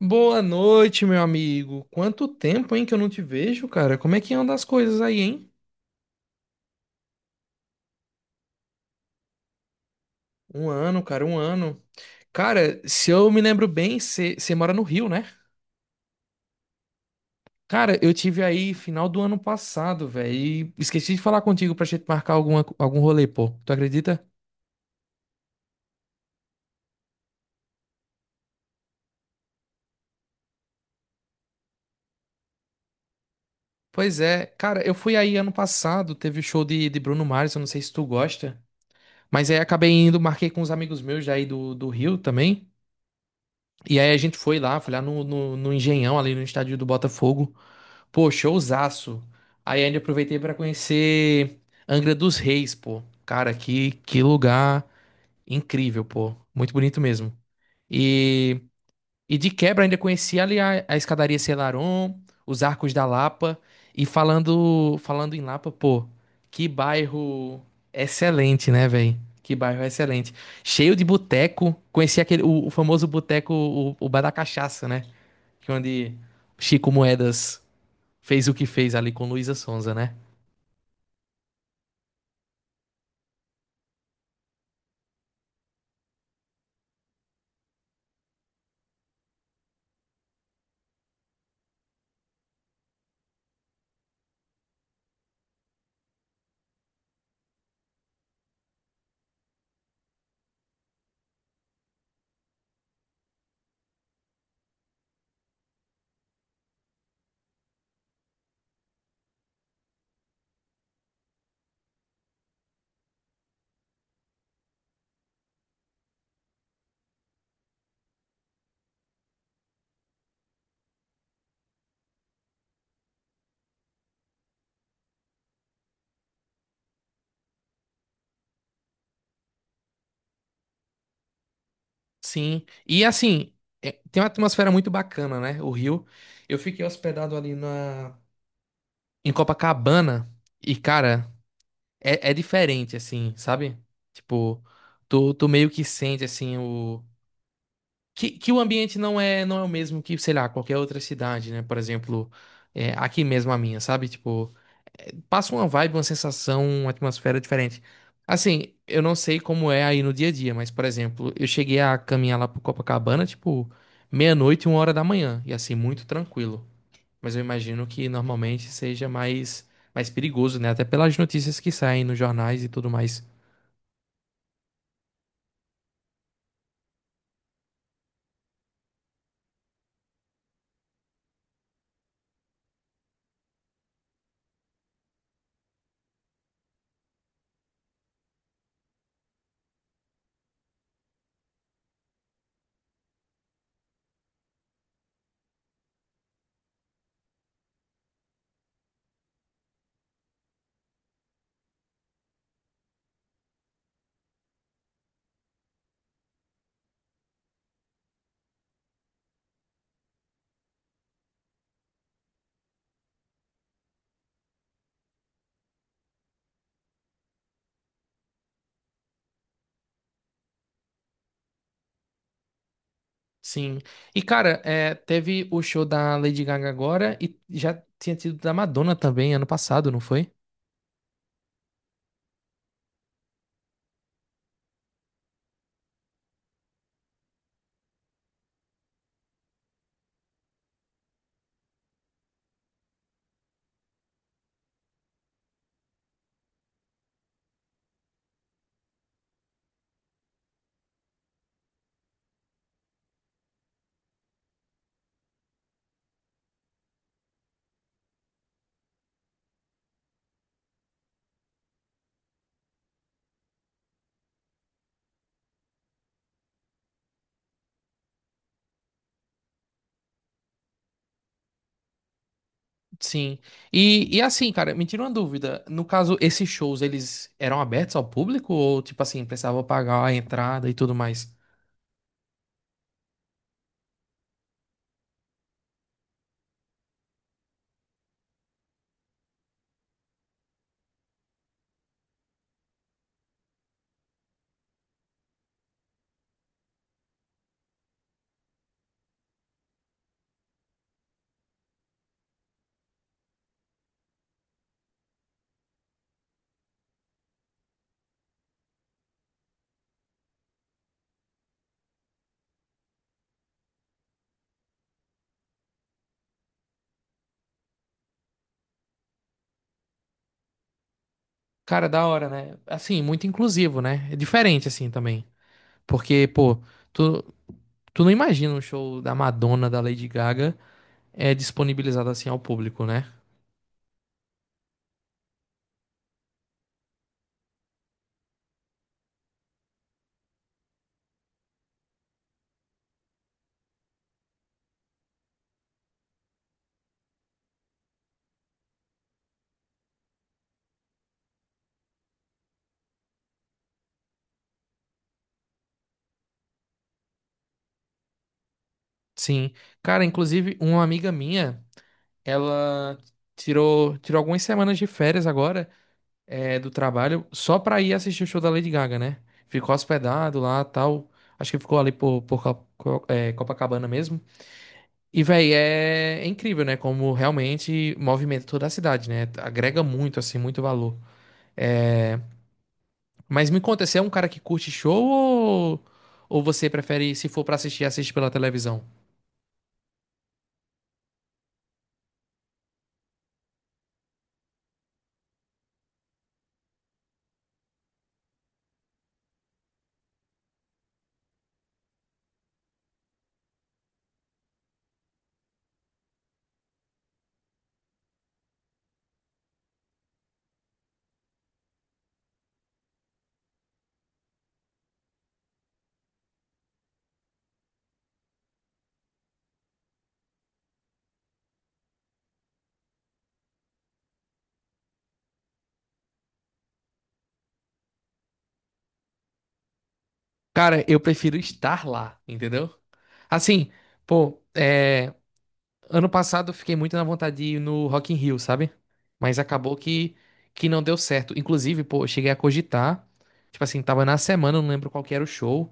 Boa noite, meu amigo. Quanto tempo, hein, que eu não te vejo, cara? Como é que andam as coisas aí, hein? Um ano. Cara, se eu me lembro bem, você mora no Rio, né? Cara, eu tive aí final do ano passado, velho, e esqueci de falar contigo pra gente marcar alguma, algum rolê, pô. Tu acredita? Pois é, cara, eu fui aí ano passado, teve o show de Bruno Mars, eu não sei se tu gosta, mas aí acabei indo, marquei com uns amigos meus daí do Rio também. E aí a gente foi lá no Engenhão, ali no estádio do Botafogo. Pô, showzaço. Aí ainda aproveitei pra conhecer Angra dos Reis, pô. Cara, que lugar incrível, pô. Muito bonito mesmo. E, e de quebra ainda conheci ali a escadaria Selarón, os Arcos da Lapa. E falando em Lapa, pô, que bairro excelente, né, velho? Que bairro excelente. Cheio de boteco. Conheci aquele, o famoso boteco, o Bar da Cachaça, né? Que é onde Chico Moedas fez o que fez ali com Luísa Sonza, né? Sim. E assim, tem uma atmosfera muito bacana, né? O Rio. Eu fiquei hospedado ali na em Copacabana e, cara, é diferente, assim, sabe? Tipo, tu meio que sente, assim, que o ambiente não é o mesmo que, sei lá, qualquer outra cidade, né? Por exemplo, aqui mesmo a minha, sabe? Tipo, passa uma vibe, uma sensação, uma atmosfera diferente. Assim, eu não sei como é aí no dia a dia, mas, por exemplo, eu cheguei a caminhar lá pro Copacabana, tipo, meia-noite e uma hora da manhã, e assim, muito tranquilo. Mas eu imagino que normalmente seja mais, mais perigoso, né? Até pelas notícias que saem nos jornais e tudo mais. Sim. E, cara, teve o show da Lady Gaga agora e já tinha tido da Madonna também ano passado, não foi? Sim. E assim, cara, me tira uma dúvida. No caso, esses shows, eles eram abertos ao público ou, tipo assim, precisava pagar a entrada e tudo mais? Cara, da hora, né? Assim, muito inclusivo, né? É diferente, assim, também. Porque, pô, tu, tu não imagina um show da Madonna, da Lady Gaga, disponibilizado assim ao público, né? Sim. Cara, inclusive, uma amiga minha, ela tirou algumas semanas de férias agora. Do trabalho só pra ir assistir o show da Lady Gaga, né? Ficou hospedado lá, tal. Acho que ficou ali por Copacabana mesmo. E, véi, é incrível, né? Como realmente movimenta toda a cidade, né? Agrega muito, assim, muito valor. É, mas me conta, você é um cara que curte show ou você prefere, se for pra assistir, assiste pela televisão? Cara, eu prefiro estar lá, entendeu? Assim, pô, é. Ano passado eu fiquei muito na vontade de ir no Rock in Rio, sabe? Mas acabou que não deu certo. Inclusive, pô, eu cheguei a cogitar. Tipo assim, tava na semana, não lembro qual que era o show.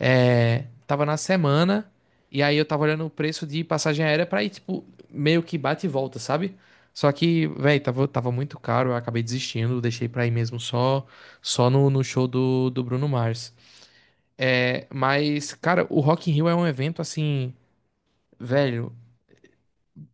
É, tava na semana, e aí eu tava olhando o preço de passagem aérea pra ir, tipo, meio que bate e volta, sabe? Só que, véi, tava muito caro, eu acabei desistindo, deixei pra ir mesmo só no show do Bruno Mars. É, mas, cara, o Rock in Rio é um evento assim, velho,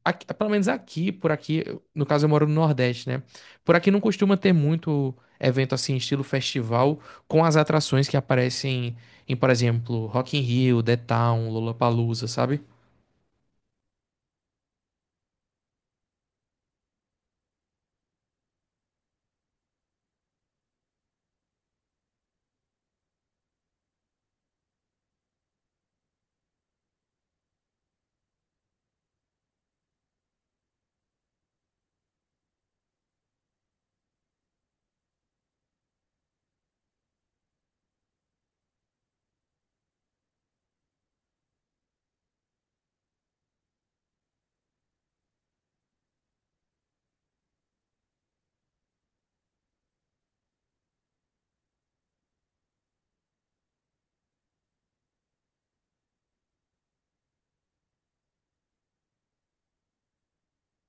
por aqui, no caso eu moro no Nordeste, né? Por aqui não costuma ter muito evento assim, estilo festival, com as atrações que aparecem em, por exemplo, Rock in Rio, The Town, Lollapalooza, sabe?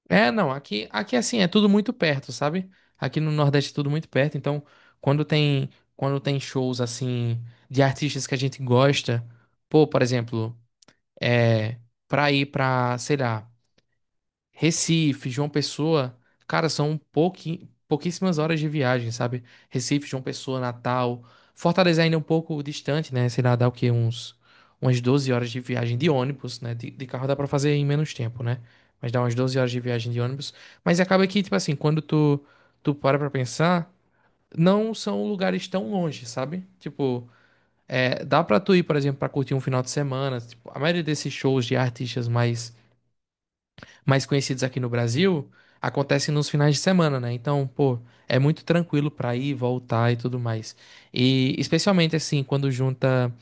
É, não, aqui assim, é tudo muito perto, sabe? Aqui no Nordeste é tudo muito perto, então quando tem, quando tem shows assim de artistas que a gente gosta, pô, por exemplo, é, pra ir pra, sei lá, Recife, João Pessoa, cara, são pouquíssimas horas de viagem, sabe? Recife, João Pessoa, Natal. Fortaleza ainda é um pouco distante, né? Sei lá, dá o quê? Uns, umas 12 horas de viagem de ônibus, né? De carro dá pra fazer em menos tempo, né? Mas dá umas 12 horas de viagem de ônibus. Mas acaba que, tipo assim, tu para pra pensar, não são lugares tão longe, sabe? Tipo, dá pra tu ir, por exemplo, pra curtir um final de semana. Tipo, a maioria desses shows de artistas mais conhecidos aqui no Brasil, acontecem nos finais de semana, né? Então, pô, é muito tranquilo pra ir, voltar e tudo mais. E especialmente assim, quando junta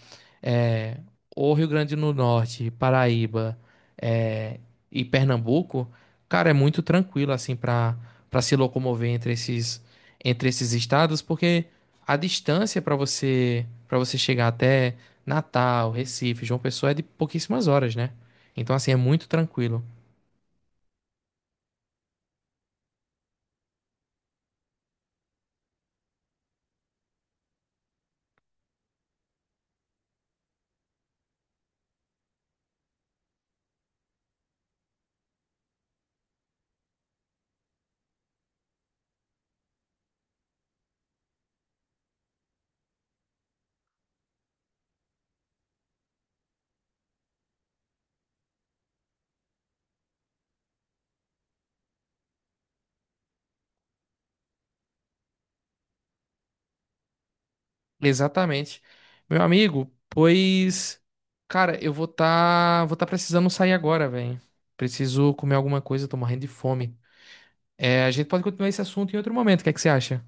é, o Rio Grande do Norte, Paraíba é, e Pernambuco, cara, é muito tranquilo assim pra para se locomover entre esses estados, porque a distância pra você para você chegar até Natal, Recife, João Pessoa é de pouquíssimas horas, né? Então, assim, é muito tranquilo. Exatamente. Meu amigo, pois. Cara, eu vou tá precisando sair agora, velho. Preciso comer alguma coisa, tô morrendo de fome. É, a gente pode continuar esse assunto em outro momento, o que é que você acha?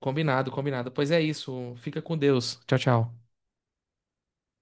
Combinado, combinado. Pois é isso. Fica com Deus. Tchau, tchau.